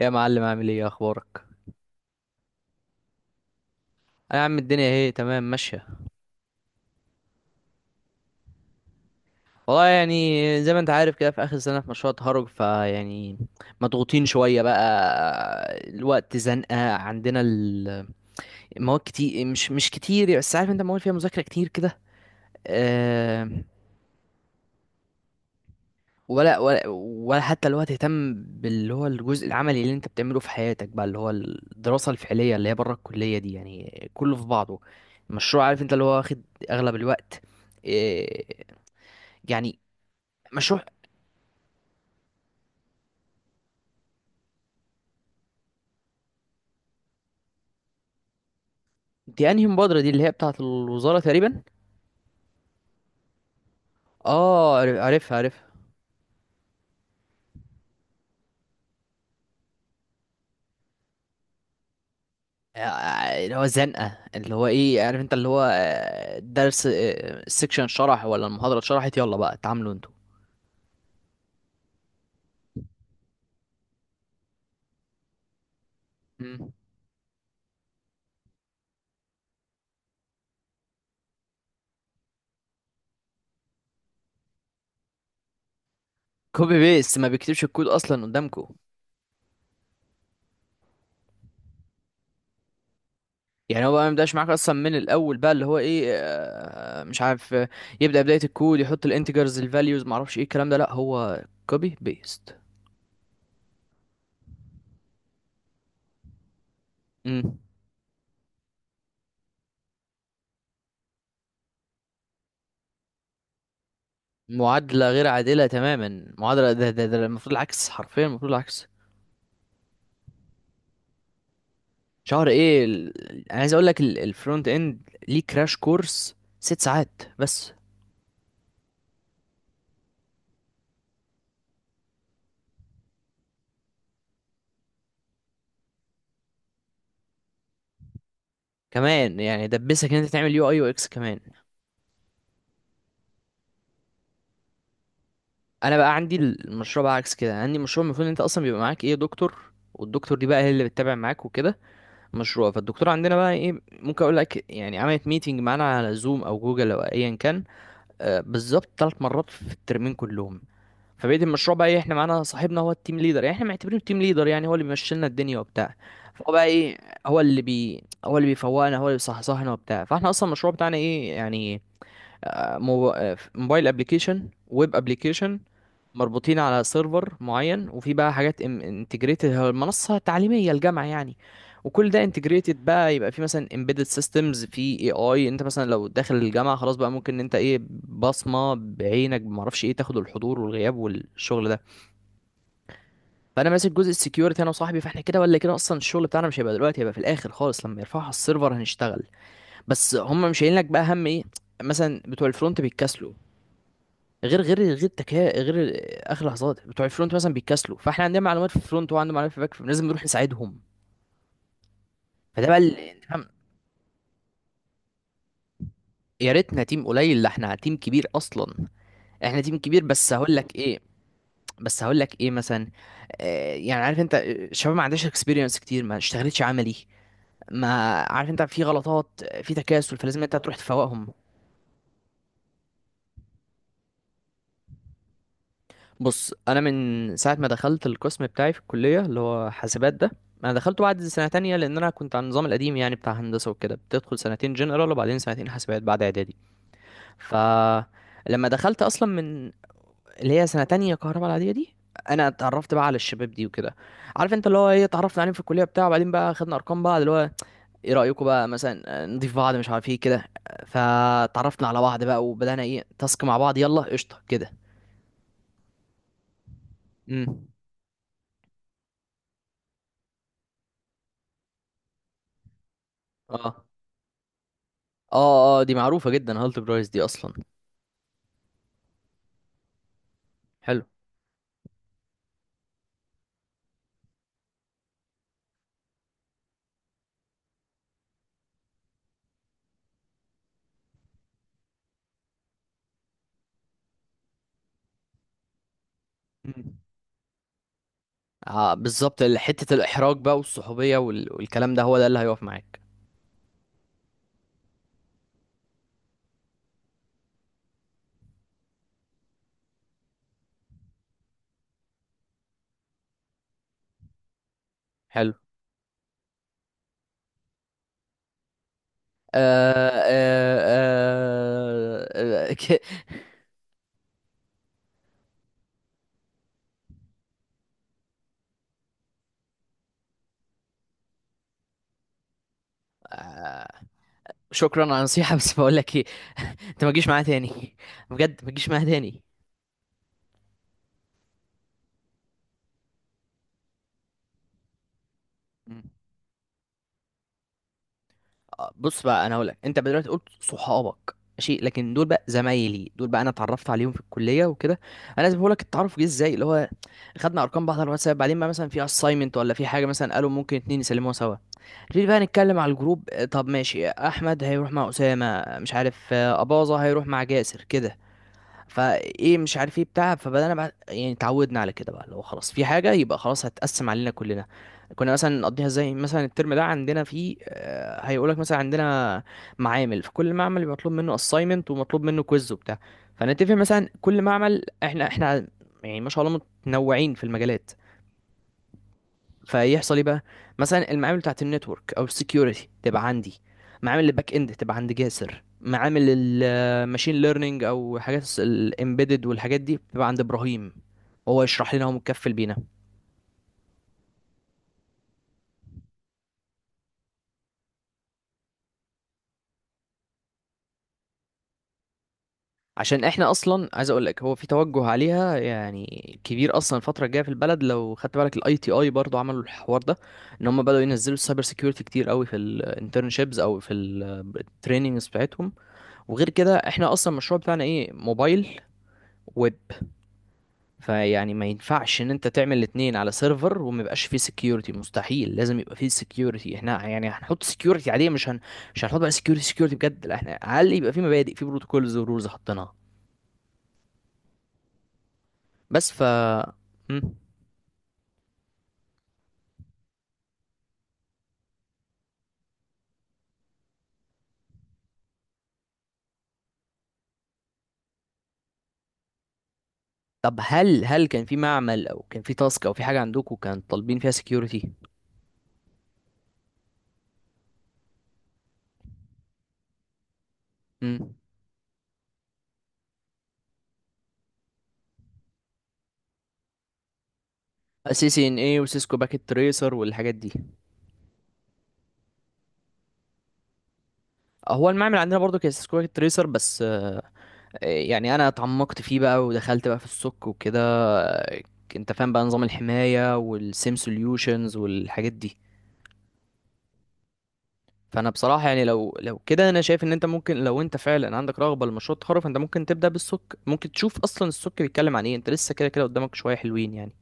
يا معلم، عامل ايه اخبارك؟ انا يا عم الدنيا اهي تمام ماشيه. والله يعني زي ما انت عارف كده في اخر سنه في مشروع التخرج فيعني مضغوطين شويه بقى، الوقت زنقه عندنا. المواد كتير، مش كتير يعني، بس عارف انت مواد فيها مذاكره كتير كده. أه. ولا حتى الوقت تهتم باللي هو الجزء العملي اللي انت بتعمله في حياتك بقى، اللي هو الدراسه الفعليه اللي هي بره الكليه دي، يعني كله في بعضه. المشروع عارف انت اللي هو واخد اغلب الوقت، آه، يعني. مشروع. دي انهي مبادرة؟ دي اللي هي بتاعة الوزارة تقريبا. اه عارفها عارفها. اللي هو الزنقة، اللي هو ايه عارف انت، اللي هو درس، السكشن شرح ولا المحاضرة اتشرحت؟ يلا بقى اتعاملوا انتوا. مم. كوبي بيست، ما بيكتبش الكود اصلا قدامكم. يعني هو بقى ما يبداش معاك اصلا من الاول، بقى اللي هو ايه، مش عارف، يبدأ بداية الكود، يحط الانتجرز الفاليوز، ما اعرفش ايه الكلام ده، لا هو كوبي بيست. معادلة غير عادلة تماما، معادلة ده المفروض العكس، حرفيا المفروض العكس. شهر ايه انا عايز اقول لك الفرونت اند ليه كراش كورس 6 ساعات بس؟ كمان يعني دبسك ان انت تعمل يو اي يو اكس كمان. انا بقى عندي المشروع بقى عكس كده. عندي مشروع، المفروض ان انت اصلا بيبقى معاك ايه، دكتور، والدكتور دي بقى هي اللي بتتابع معاك وكده. مشروع، فالدكتور عندنا بقى ايه ممكن اقول لك، يعني عملت ميتنج معانا على زوم او جوجل او ايا كان، بالظبط، 3 مرات في الترمين كلهم. فبقيت المشروع، بقى ايه، احنا معانا صاحبنا هو التيم ليدر، يعني احنا معتبرينه التيم ليدر، يعني هو اللي بيمشي لنا الدنيا وبتاع. فهو بقى ايه، هو اللي بيفوقنا، هو اللي بيصحصحنا وبتاع، فاحنا اصلا المشروع بتاعنا ايه يعني، موبايل ابلكيشن، ويب ابلكيشن، مربوطين على سيرفر معين، وفي بقى حاجات انتجريتد، المنصة التعليمية الجامعة يعني. وكل ده انتجريتد بقى، يبقى في مثلا امبيدد سيستمز في اي اي، انت مثلا لو داخل الجامعة خلاص بقى ممكن ان انت ايه، بصمة بعينك ما اعرفش ايه، تاخد الحضور والغياب والشغل ده. فانا ماسك جزء السكيورتي، انا وصاحبي، فاحنا كده ولا كده اصلا الشغل بتاعنا مش هيبقى دلوقتي، هيبقى في الاخر خالص لما يرفعوا على السيرفر هنشتغل. بس هم مش شايلين لك بقى، هم ايه، مثلا بتوع الفرونت بيتكسلوا. غير، اخر لحظات بتوع الفرونت مثلا بيتكسلوا، فاحنا عندنا معلومات في الفرونت وعندنا معلومات في الباك، فلازم نروح نساعدهم. فده بقى اللي أنت فاهم. يا ريتنا تيم قليل، لا احنا تيم كبير اصلا. احنا تيم كبير بس هقول لك ايه، مثلا يعني عارف انت، الشباب ما عندهاش اكسبيرينس كتير، ما اشتغلتش عملي، ما عارف انت في غلطات، في تكاسل، فلازم انت تروح تفوقهم. بص، انا من ساعه ما دخلت القسم بتاعي في الكليه اللي هو حاسبات ده، انا دخلته بعد سنه تانية، لان انا كنت على النظام القديم يعني، بتاع هندسه وكده، بتدخل سنتين جنرال وبعدين سنتين حاسبات بعد اعدادي. ف، لما دخلت اصلا من اللي هي سنه تانية كهرباء العاديه دي، انا اتعرفت بقى على الشباب دي وكده. عارف انت اللي هو ايه، اتعرفنا عليهم في الكليه بتاع، وبعدين بقى خدنا ارقام بعض، اللي هو ايه رايكم بقى مثلا نضيف بعض، مش عارف ايه كده. فتعرفنا على بعض بقى، وبدانا ايه، تاسك مع بعض، يلا قشطه كده. امم اه اه اه دي معروفة جدا، هالت برايس دي اصلا. حلو. مم. بالظبط، حتة الإحراج بقى والصحوبية والكلام ده، هو ده اللي هيقف معاك. حلو. آه آه آه آه، ك- آه، شكرا على النصيحة، بس بقول لك ايه، انت ما تجيش معايا تاني، بجد ما تجيش معايا تاني. مم. بص بقى، انا هقول لك، انت دلوقتي قلت صحابك ماشي، لكن دول بقى زمايلي، دول بقى انا اتعرفت عليهم في الكليه وكده. انا لازم اقول لك التعرف جه ازاي، اللي هو خدنا ارقام بعض على الواتساب، بعدين ما مثلا في اساينمنت ولا في حاجه، مثلا قالوا ممكن اتنين يسلموها سوا. نبتدي بقى نتكلم على الجروب، طب ماشي، احمد هيروح مع اسامه، مش عارف، اباظه هيروح مع جاسر كده. فايه مش عارف ايه بتاع، فبدانا بقى يعني اتعودنا على كده بقى، لو خلاص في حاجه يبقى خلاص هتقسم علينا كلنا. كنا مثلا نقضيها، زي مثلا الترم ده عندنا فيه هيقولك مثلا، عندنا معامل، فكل معمل يبقى مطلوب منه assignment ومطلوب منه كويز وبتاع. فنتفق مثلا كل معمل، احنا يعني ما شاء الله متنوعين في المجالات. فيحصل ايه بقى، مثلا المعامل بتاعت النتورك او السكيورتي تبقى عندي، معامل الباك اند تبقى عند جاسر، معامل الماشين ليرنينج او حاجات الامبيدد والحاجات دي بتبقى عند ابراهيم، وهو يشرح لنا، هو متكفل بينا. عشان احنا اصلا، عايز اقول لك هو في توجه عليها يعني كبير اصلا الفتره الجايه في البلد، لو خدت بالك الاي تي اي برضو عملوا الحوار ده، ان هم بداوا ينزلوا السايبر سيكيورتي كتير قوي في الانترنشيبس او في التريننجز بتاعتهم. وغير كده احنا اصلا المشروع بتاعنا ايه، موبايل، ويب. فيعني ما ينفعش ان انت تعمل الاتنين على سيرفر وما يبقاش فيه سكيورتي، مستحيل لازم يبقى فيه سكيورتي، احنا يعني هنحط سكيورتي عاديه، مش هنحط بقى سكيورتي سكيورتي بجد، لا، احنا على الاقل يبقى فيه مبادئ، فيه بروتوكولز ورولز حطيناها بس. ف. مم. طب هل كان في معمل، او كان في تاسك، او في حاجه عندكم كان طالبين فيها سكيورتي؟ امم سي سي ان اي وسيسكو باكيت تريسر والحاجات دي. هو المعمل عندنا برضو كان سيسكو باكيت تريسر بس، يعني انا اتعمقت فيه بقى ودخلت بقى في السك وكده، انت فاهم بقى، نظام الحماية والسيم سوليوشنز والحاجات دي. فانا بصراحة يعني لو كده، انا شايف ان انت ممكن، لو انت فعلا عندك رغبة لمشروع التخرج، فانت ممكن تبدأ بالسك، ممكن تشوف اصلا السك بيتكلم عن ايه، انت لسه كده كده قدامك شوية حلوين يعني.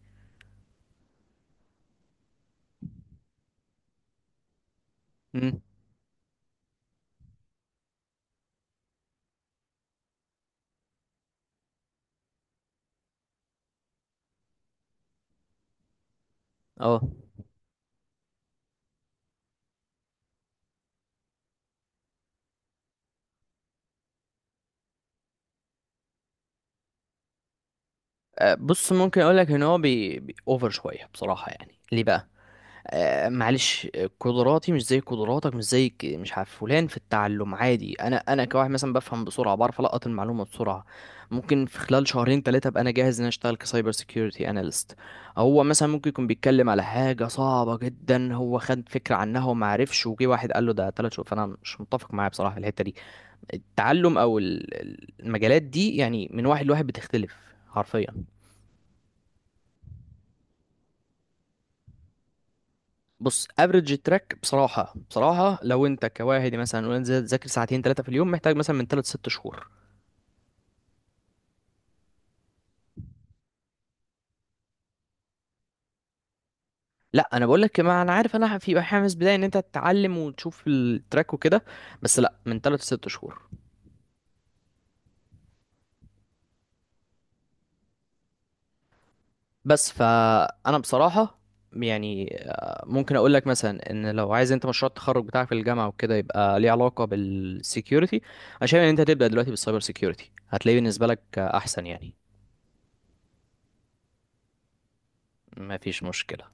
امم، اه. بص، ممكن اقول لك ان هو بي اوفر شوية بصراحة، يعني ليه بقى. معلش، قدراتي مش زي قدراتك، مش زي مش عارف فلان في التعلم عادي، انا كواحد مثلا بفهم بسرعه، بعرف القط المعلومه بسرعه. ممكن في خلال شهرين ثلاثه ابقى انا جاهز ان أنا اشتغل كسايبر سيكيورتي اناليست. هو مثلا ممكن يكون بيتكلم على حاجه صعبه جدا، هو خد فكره عنها وما عرفش، وجي واحد قال له ده 3 شهور، فانا مش متفق معاه بصراحه في الحته دي. التعلم او المجالات دي يعني من واحد لواحد بتختلف، حرفيا. بص، افريج التراك بصراحه بصراحه، لو انت كواحد مثلا وانت تذاكر ساعتين ثلاثه في اليوم، محتاج مثلا من ثلاث ست شهور. لا انا بقول لك، ما انا عارف، انا في حماس بدايه ان انت تتعلم وتشوف التراك وكده، بس لا، من ثلاث ست شهور. بس، فانا بصراحه يعني ممكن اقول لك مثلا، ان لو عايز انت مشروع التخرج بتاعك في الجامعه وكده يبقى ليه علاقه بالسكيورتي، انا شايف ان انت تبدا دلوقتي بالسايبر سكيورتي، هتلاقيه بالنسبه لك احسن يعني. ما فيش مشكله.